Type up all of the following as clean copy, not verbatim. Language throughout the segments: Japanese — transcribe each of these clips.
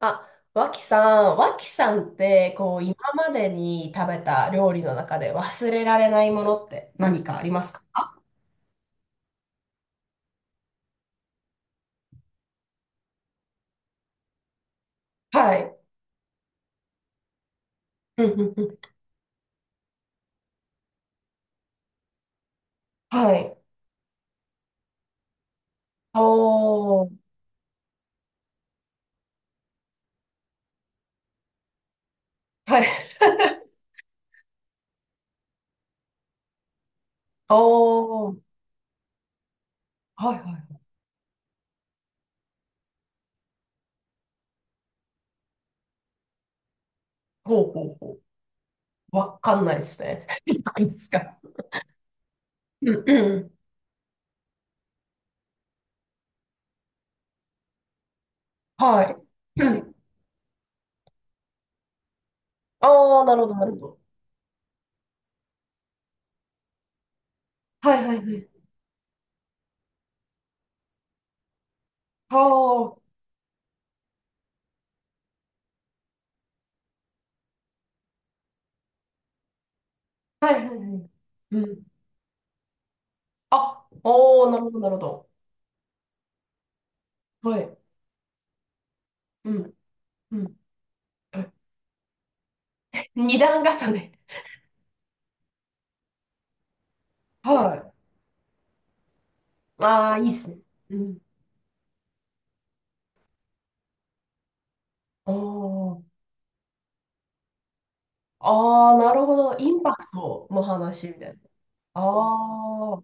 あ、脇さん、脇さんって、今までに食べた料理の中で忘れられないものって何かありますか？はい。うんうんうん。はい。おー。はい。おー。はいはい。ほうほうほう。わかんないですね。何ですか？うんうん。はい。うん。ああ、なるほど、なるほど。はいはいはい。ああ、はいはいはい。うん。あ、おー、なるほど、なるほど。はい。うん。うん。二段重ね。はい。ああ、いいっすね。うん。ああ、ああ、なるほど。インパクトの話みたいな。ああ、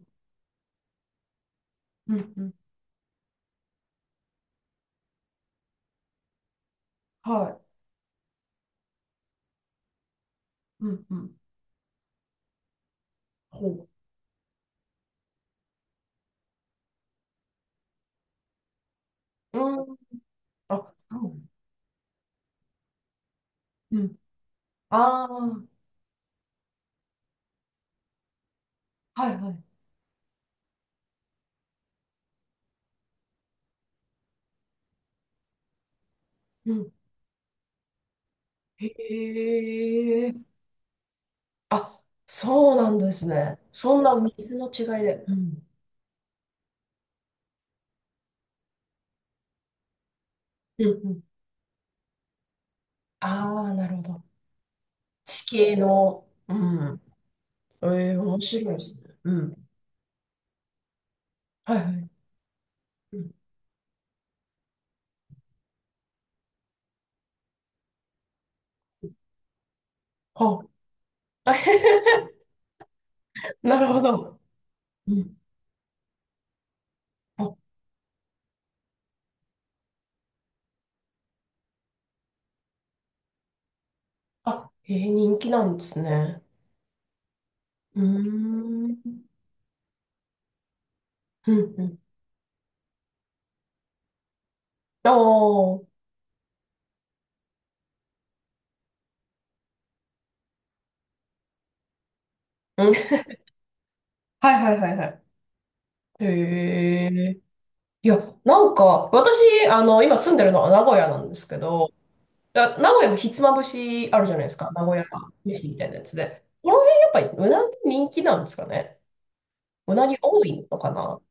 うんうん。はい。うんうん。ほう。うん。あ、そう。うん。ああ、はいはい。うん。へえ。あ、そうなんですね。そんな水の違いで。うん。うんうん。ああ、なるほど。地形の。うん。ええ、面白いですね。うん。はいはい。うん。はあ。なるほど。うん。あ、あ、へ、人気なんですね。うーん。うん、うん。ああ、うん。はいはいはいはい。へえ。いや、なんか、私、今住んでるのは名古屋なんですけど、あ、名古屋もひつまぶしあるじゃないですか。名古屋飯みたいなやつで。この辺やっぱりうなぎ人気なんですかね。うなぎ多いのかな。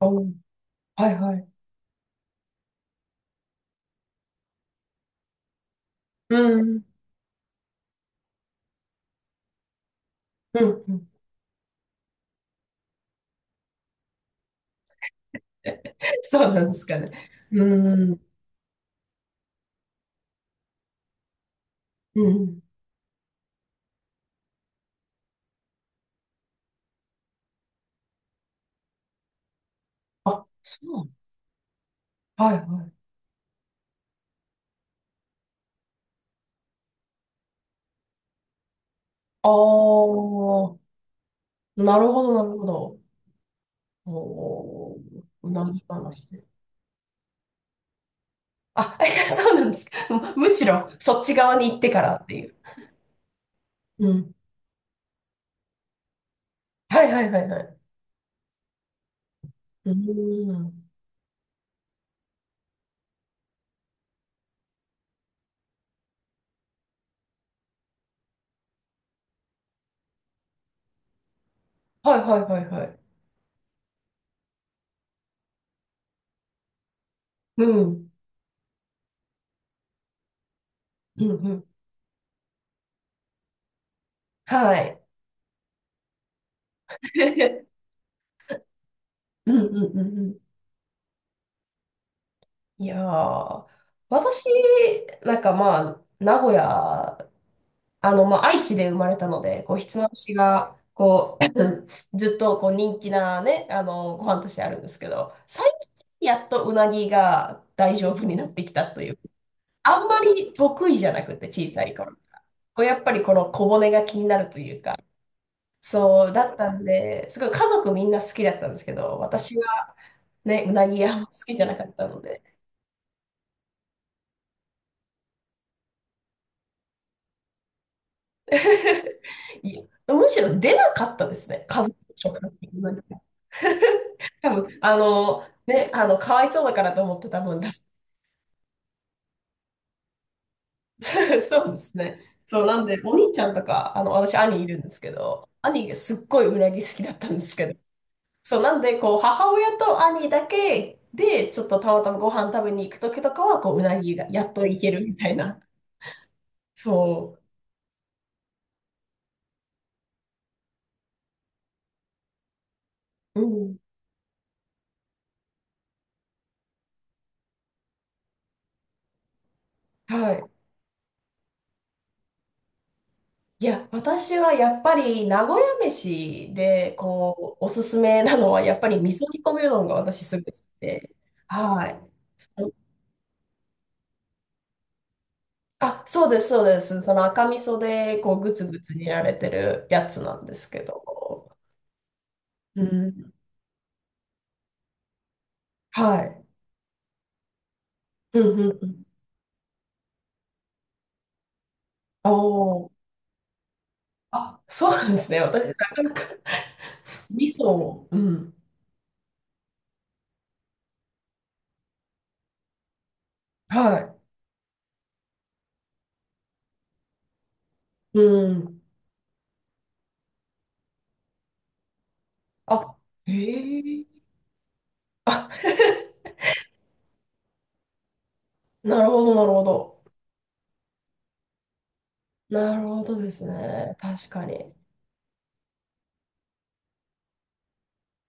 うん。はいはい。うん。うん。うん。 そうなんですかね。うん。うん。あ、そう。はいはい。ああ、なるほど、なるほど。おー、うなるほね。あ、そうなんですか。むしろ、そっち側に行ってからっていう。うん。はいはいはいはい。うーん。はいはいはいはい。うん。うんうん。はい。うんうんうんうん。いやー、私、なんかまあ、名古屋、まあ、愛知で生まれたので、こう、ひつまぶしが、こう、ずっとこう人気なね、ご飯としてあるんですけど、最近やっとうなぎが大丈夫になってきたという、あんまり得意じゃなくて、小さい頃。こう、やっぱりこの小骨が気になるというか、そうだったんで、すごい家族みんな好きだったんですけど、私はね、うなぎあんま好きじゃなかったので、いや、むしろ出なかったですね。家族とか。多分、かわいそうだからと思って多分出す。そうですね。そう、なんで、お兄ちゃんとか、私、兄いるんですけど、兄がすっごいうなぎ好きだったんですけど、そう、なんで、こう、母親と兄だけで、ちょっとたまたまご飯食べに行くときとかは、こう、うなぎがやっといけるみたいな。そう。うん。はい。いや、私はやっぱり名古屋飯で、こう、おすすめなのは、やっぱり味噌煮込みうどんが私すごい好きで。はい。あ、そうです、そうです。その赤味噌で、こう、ぐつぐつ煮られてるやつなんですけど。うん。はい。うんうんうん。おー。あ、そうなんですね。私、なかなか。 味噌を。うん。はい。うん。あ、へえ。あ、なるほど、なるほど。なるほどですね。確かに。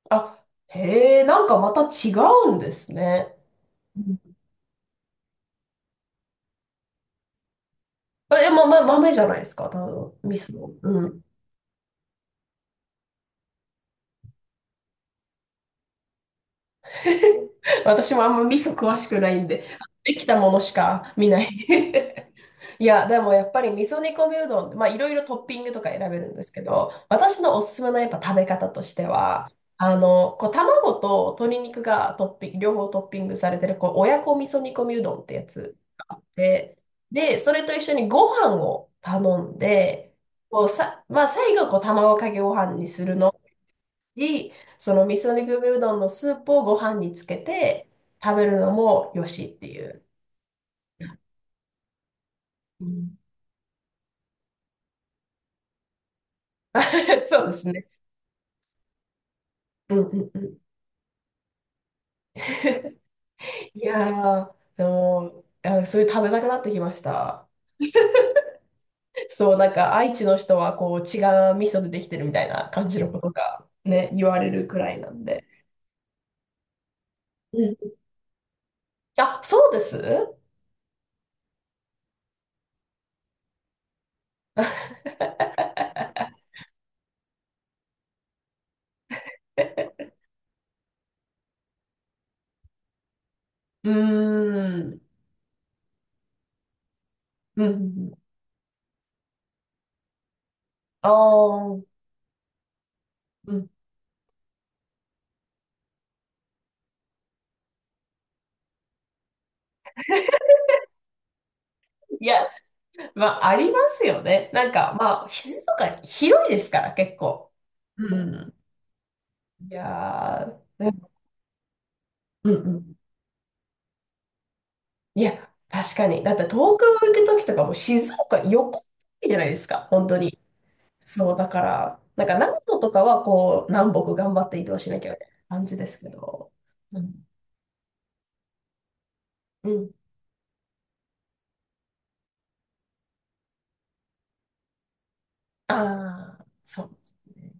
あ、へえ、なんかまた違うんですね。うん。え、豆じゃないですか、多分、味噌。うん。私もあんま味噌詳しくないんで、できたものしか見ない。 いや、でもやっぱり味噌煮込みうどん、まあいろいろトッピングとか選べるんですけど、私のおすすめのやっぱ食べ方としては、こう卵と鶏肉がトッピング、両方トッピングされてる、こう親子味噌煮込みうどんってやつがあって、で、それと一緒にご飯を頼んで、こうさ、まあ最後こう卵かけご飯にするのし、その味噌肉込うどんのスープをご飯につけて食べるのもよしっていう。うん。 そうですね。うんうんうん。いやー、でも、あ、そういう食べたくなってきました。そう、なんか愛知の人はこう違う味噌でできてるみたいな感じのことがね、言われるくらいなんで。うん。あ、そうです。 うーん。うん。ああ。うん。いや、まあ、ありますよね。なんか、まあ、質とか広いですから、結構。うん。いやー、でも。うんうん。いや、確かに。だって東京行くときとかも静岡横じゃないですか、本当に。そう、だから、なんか長野とかはこう、南北頑張って移動しなきゃみたいけない感じですけど。うん。うん。ああ、そうですね。